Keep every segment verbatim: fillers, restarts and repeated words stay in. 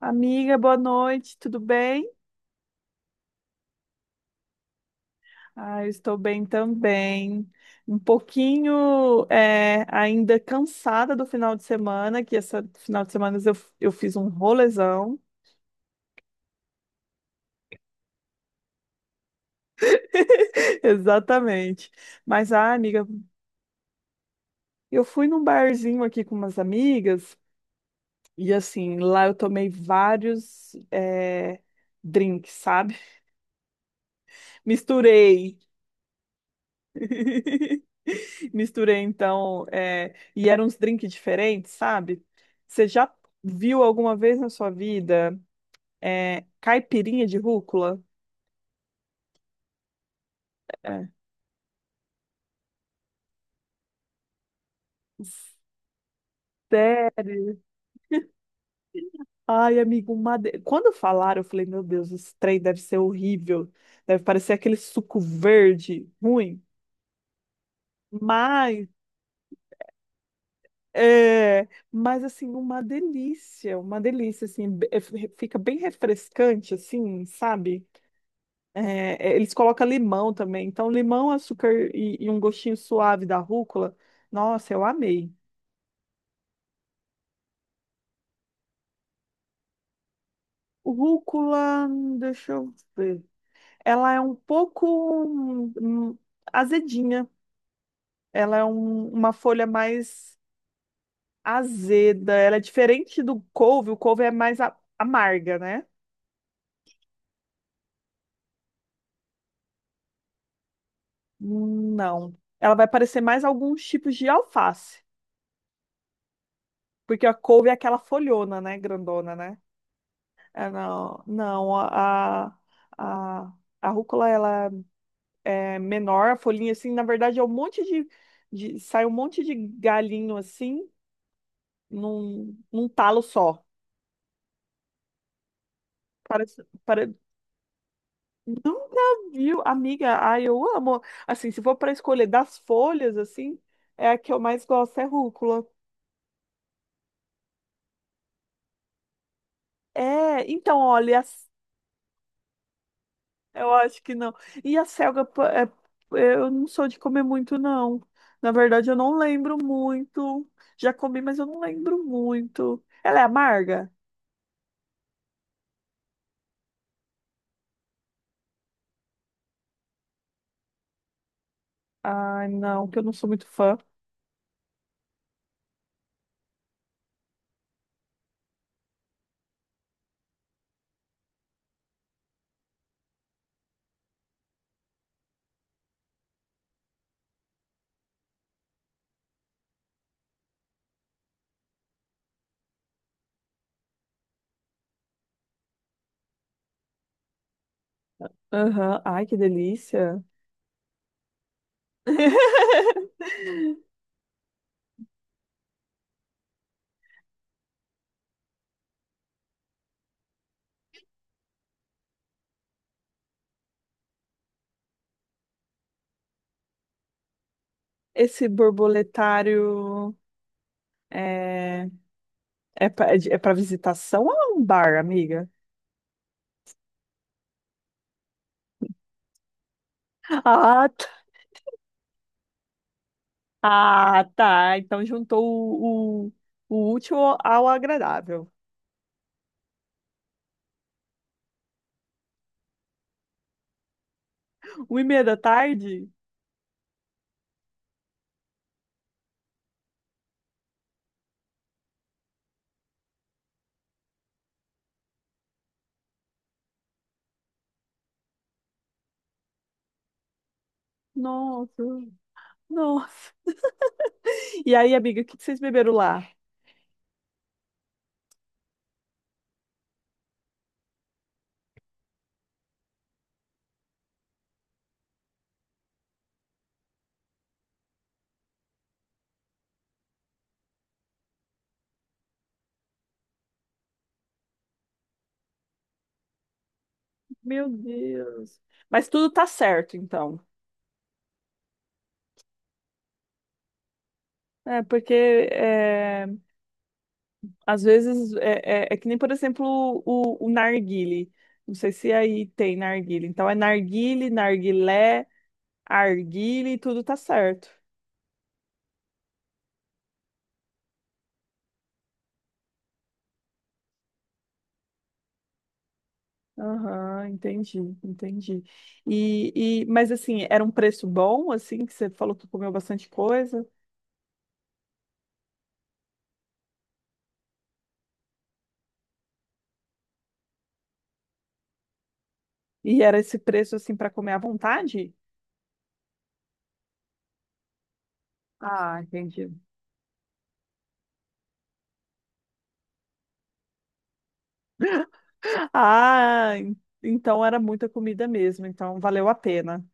Amiga, boa noite, tudo bem? Ah, eu estou bem também. Um pouquinho é, ainda cansada do final de semana, que esse final de semana eu, eu fiz um rolezão. Exatamente. Mas, ah, amiga, eu fui num barzinho aqui com umas amigas e, assim, lá eu tomei vários é, drinks, sabe? Misturei. Misturei então, é, e eram uns drinks diferentes, sabe? Você já viu alguma vez na sua vida é, caipirinha de rúcula? É. Sério? Ai, amigo, uma de- quando falaram, eu falei, meu Deus, esse trem deve ser horrível. Deve parecer aquele suco verde ruim. Mas, é, mas assim, uma delícia, uma delícia, assim, be- é, fica bem refrescante, assim, sabe? É, é, eles colocam limão também. Então, limão, açúcar e, e um gostinho suave da rúcula. Nossa, eu amei. Rúcula, hum, deixa eu ver. Ela é um pouco hum, hum, azedinha. Ela é um- uma folha mais azeda. Ela é diferente do couve. O couve é mais a- amarga, né? Não. Ela vai parecer mais alguns tipos de alface. Porque a couve é aquela folhona, né? Grandona, né? É, não, não, a, a, a rúcula ela é menor, a folhinha assim, na verdade é um monte de, de sai um monte de galinho assim, num, num talo só. Parece, pare- nunca viu, amiga, ai, eu amo. Assim, se for para escolher das folhas, assim, é a que eu mais gosto, é rúcula. É, então, olha, eu acho que não. E a selga, pa- é- eu não sou de comer muito, não. Na verdade, eu não lembro muito. Já comi, mas eu não lembro muito. Ela é amarga? Ai, não, que eu não sou muito fã. Aham. Ai, que delícia. Esse borboletário é, é para é para visitação ou é um bar, amiga? Ah, tá. Ah, tá. Então juntou o, o, o útil ao agradável. Uma e meia da tarde? Nossa, nossa. E aí, amiga, o que que vocês beberam lá? Meu Deus. Mas tudo tá certo, então. É, porque é, às vezes é, é- é que nem, por exemplo, o, o narguile. Não sei se aí tem narguile. Então é narguile, narguilé, arguile, tudo tá certo. Aham, entendi, entendi. E, e, mas assim, era um preço bom, assim, que você falou que comeu bastante coisa? E era esse preço, assim, para comer à vontade? Ah, entendi. Ah, en- então era muita comida mesmo, então valeu a pena.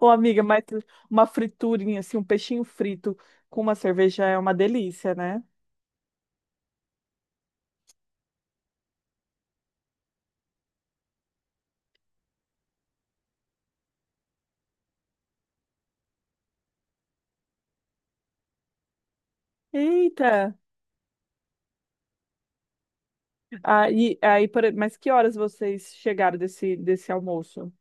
Ô, amiga, mas uma friturinha, assim, um peixinho frito com uma cerveja é uma delícia, né? Eita! Aí, aí, por- mas que horas vocês chegaram desse, desse almoço?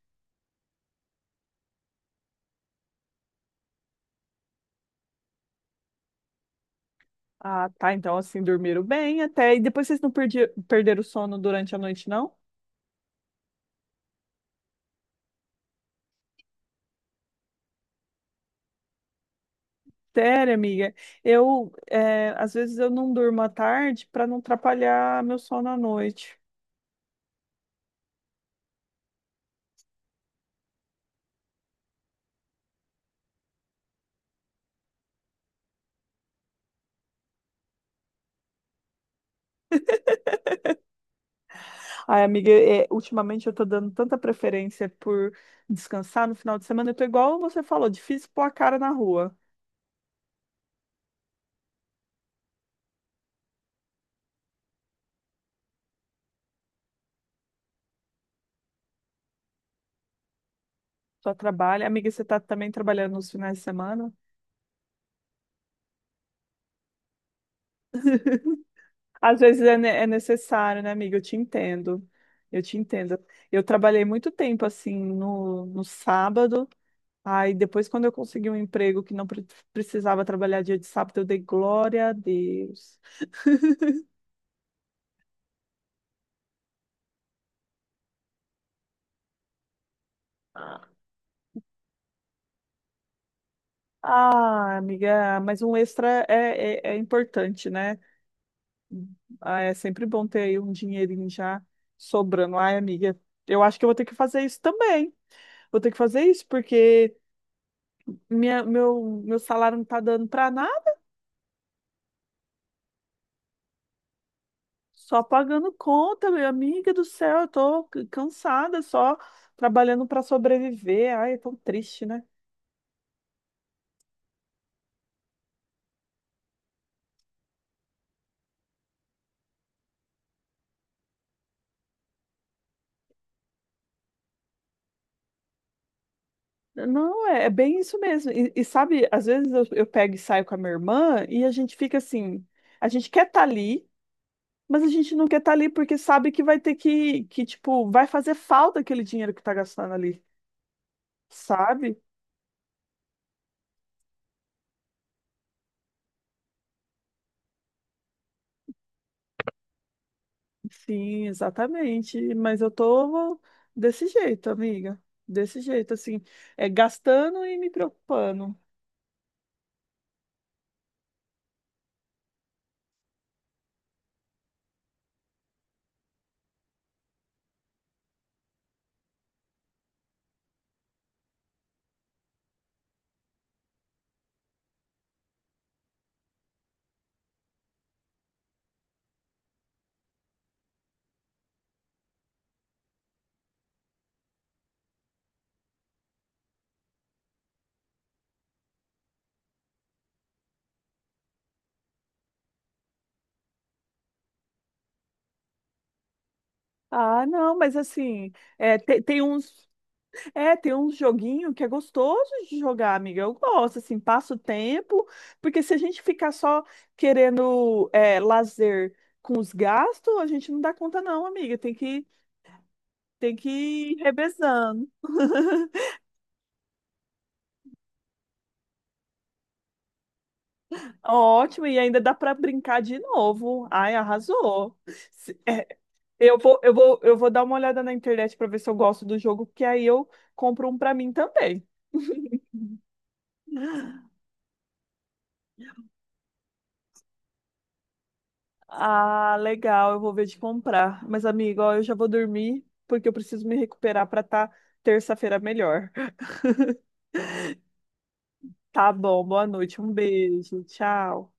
Ah, tá, então assim, dormiram bem até. E depois vocês não perdi, perderam o sono durante a noite, não? Sério, amiga, eu, é, às vezes eu não durmo à tarde para não atrapalhar meu sono à noite. Ai, amiga, é, ultimamente eu tô dando tanta preferência por descansar no final de semana. Eu tô igual você falou, difícil pôr a cara na rua. Só trabalha. Amiga, você tá também trabalhando nos finais de semana? Às vezes é, ne- é necessário, né, amiga? Eu te entendo. Eu te entendo. Eu trabalhei muito tempo, assim, no, no sábado. Aí depois, quando eu consegui um emprego que não pre- precisava trabalhar dia de sábado, eu dei glória a Deus. Ah, amiga, mas um extra é, é é importante, né? Ah, é sempre bom ter aí um dinheirinho já sobrando. Ai, amiga, eu acho que eu vou ter que fazer isso também. Vou ter que fazer isso porque minha, meu, meu salário não tá dando pra nada, só pagando conta, minha amiga do céu. Eu tô c- cansada, só trabalhando pra sobreviver. Ai, é tão triste, né? Não, é, é bem isso mesmo. E, e sabe, às vezes eu, eu pego e saio com a minha irmã e a gente fica assim, a gente quer estar ali. Mas a gente não quer estar ali porque sabe que vai ter que, que, tipo, vai fazer falta aquele dinheiro que tá gastando ali, sabe? Sim, exatamente. Mas eu tô desse jeito, amiga. Desse jeito, assim, é, gastando e me preocupando. Ah, não, mas assim, é, te- tem, uns, é, tem uns joguinho que é gostoso de jogar, amiga. Eu gosto, assim, passa o tempo, porque se a gente ficar só querendo é, lazer com os gastos, a gente não dá conta, não, amiga. Tem que Tem que ir revezando. Ótimo, e ainda dá para brincar de novo. Ai, arrasou. Se- é, eu vou, eu vou, eu vou dar uma olhada na internet para ver se eu gosto do jogo, porque aí eu compro um para mim também. Ah, legal, eu vou ver de comprar. Mas, amigo, ó, eu já vou dormir, porque eu preciso me recuperar para estar terça-feira melhor. Tá bom, boa noite, um beijo, tchau.